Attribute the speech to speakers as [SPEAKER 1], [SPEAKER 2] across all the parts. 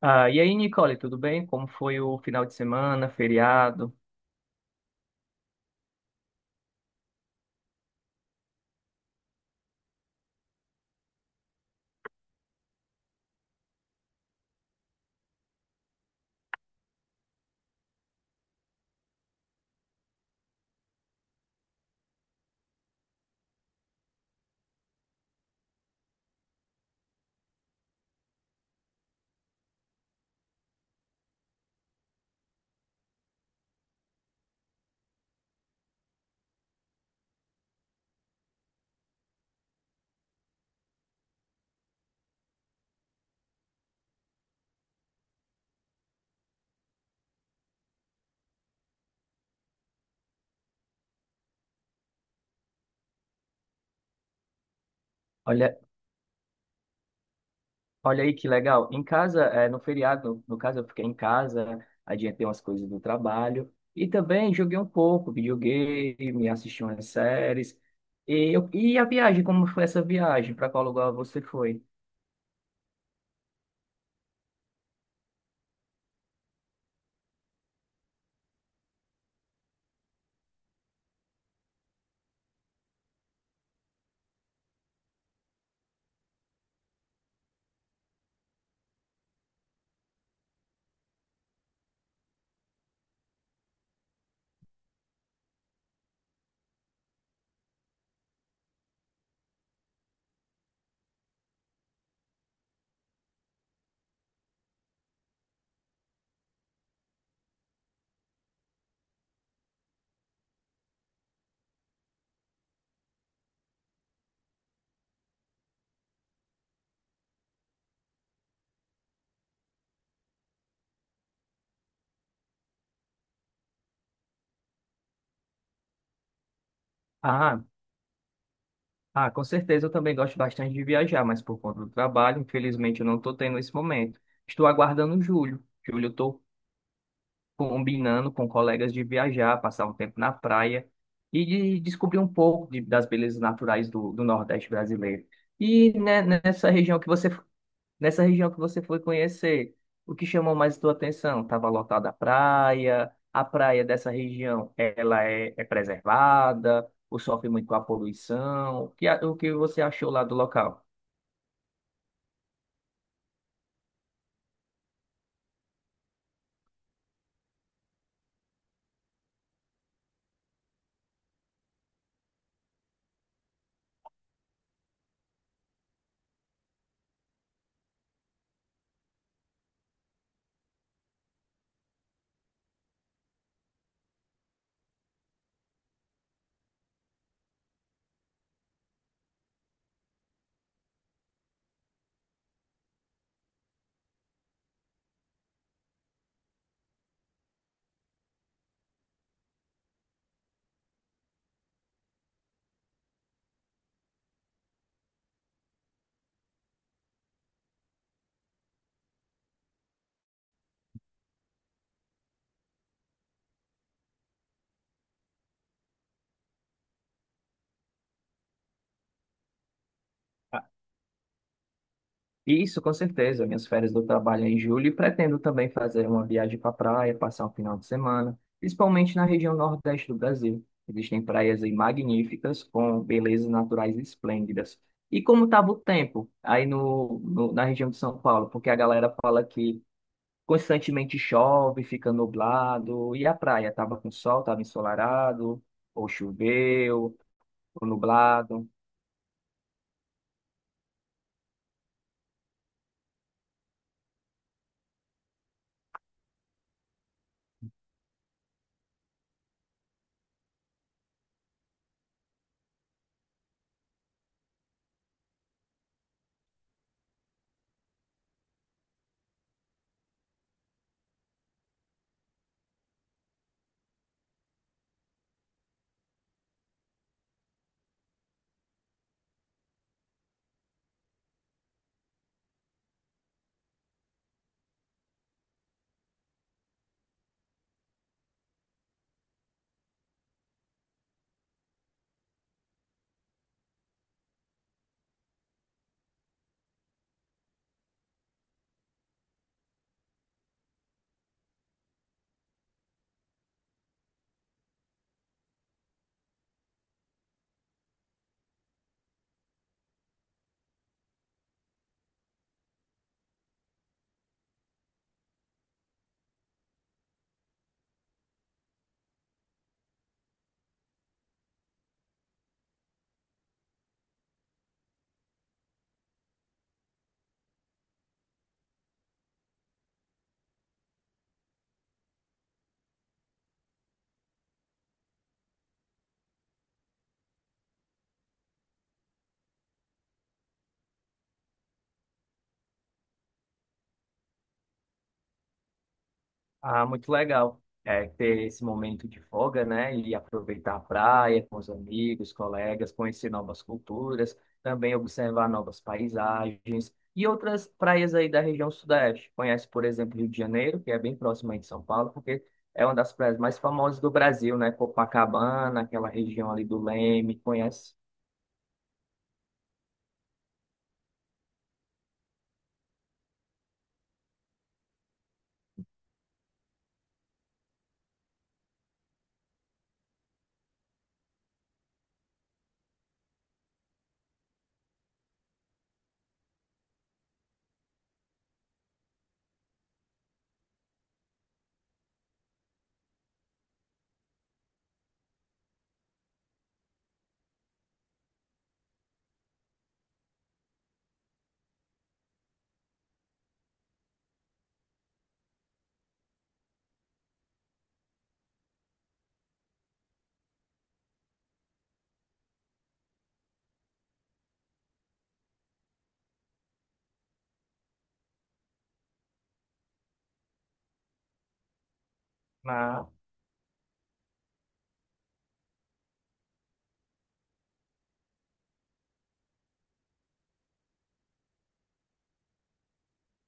[SPEAKER 1] Ah, e aí, Nicole, tudo bem? Como foi o final de semana, feriado? Olha, olha aí que legal. Em casa, no feriado, no caso, eu fiquei em casa, adiantei umas coisas do trabalho e também joguei um pouco, videogame, assisti umas séries. E, e a viagem, como foi essa viagem? Para qual lugar você foi? Ah, ah, com certeza eu também gosto bastante de viajar, mas por conta do trabalho, infelizmente eu não estou tendo esse momento. Estou aguardando julho. Julho eu estou combinando com colegas de viajar, passar um tempo na praia e de descobrir um pouco das belezas naturais do Nordeste brasileiro. E né, nessa região que você foi conhecer, o que chamou mais sua atenção? Estava lotada a praia dessa região, ela é preservada, ou sofre muito com a poluição? O que, o que você achou lá do local? Isso, com certeza. Minhas férias do trabalho é em julho e pretendo também fazer uma viagem para a praia, passar um final de semana, principalmente na região nordeste do Brasil. Existem praias aí magníficas, com belezas naturais esplêndidas. E como estava o tempo aí na região de São Paulo? Porque a galera fala que constantemente chove, fica nublado, e a praia estava com sol, estava ensolarado, ou choveu, ou nublado. Ah, muito legal. É, ter esse momento de folga, né? E aproveitar a praia com os amigos, colegas, conhecer novas culturas, também observar novas paisagens e outras praias aí da região sudeste. Conhece, por exemplo, Rio de Janeiro, que é bem próximo aí de São Paulo, porque é uma das praias mais famosas do Brasil, né? Copacabana, aquela região ali do Leme, conhece? Ah,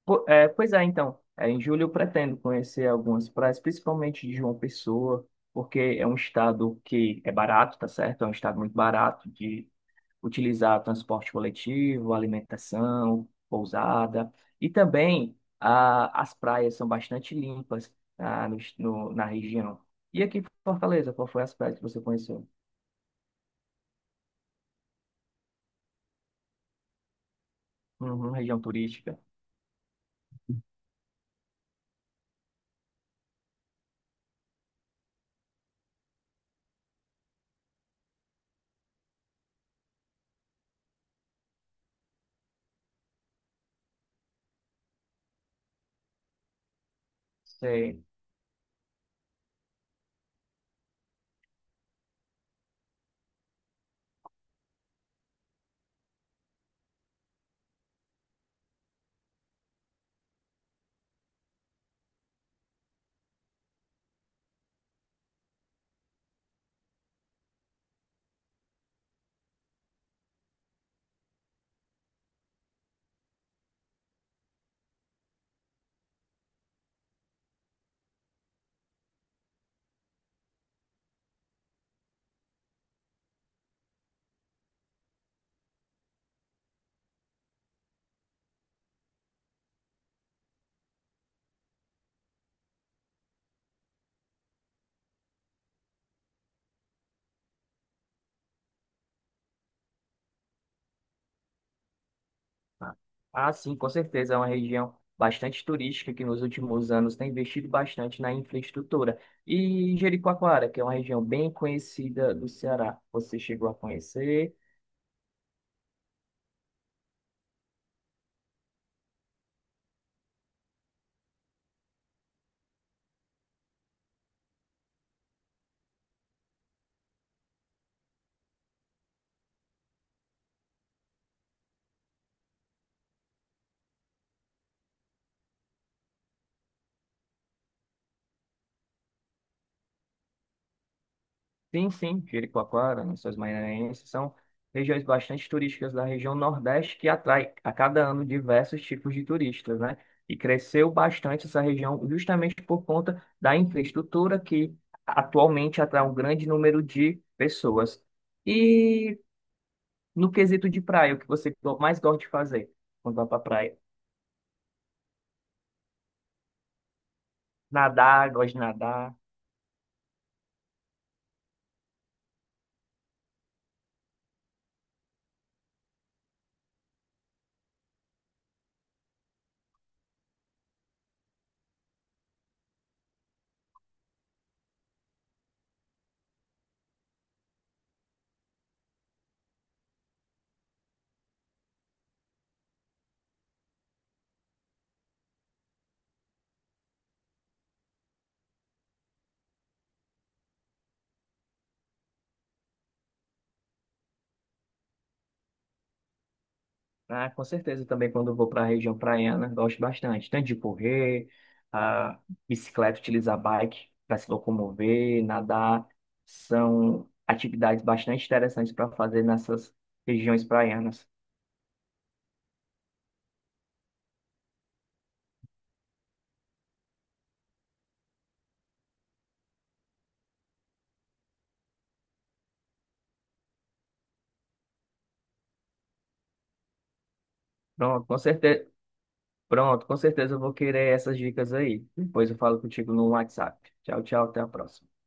[SPEAKER 1] Pois é, então. É, em julho eu pretendo conhecer algumas praias, principalmente de João Pessoa, porque é um estado que é barato, tá certo? É um estado muito barato de utilizar transporte coletivo, alimentação, pousada. E também as praias são bastante limpas na região. E aqui em Fortaleza, qual foi as praias que você conheceu? Uhum, região turística. Sei. Ah, sim, com certeza. É uma região bastante turística que nos últimos anos tem investido bastante na infraestrutura. E Jericoacoara, que é uma região bem conhecida do Ceará. Você chegou a conhecer? Sim, sim, Jericoacoara, Lençóis Maranhenses, são regiões bastante turísticas da região Nordeste que atrai a cada ano diversos tipos de turistas, né? E cresceu bastante essa região justamente por conta da infraestrutura que atualmente atrai um grande número de pessoas. E no quesito de praia, o que você mais gosta de fazer quando vai pra praia? Nadar, gosto de nadar. Ah, com certeza também quando eu vou para a região praiana, gosto bastante. Tanto de correr, a bicicleta, utilizar bike para se locomover, nadar. São atividades bastante interessantes para fazer nessas regiões praianas. Pronto, com certeza, pronto, com certeza eu vou querer essas dicas aí. Depois eu falo contigo no WhatsApp. Tchau, tchau, até a próxima.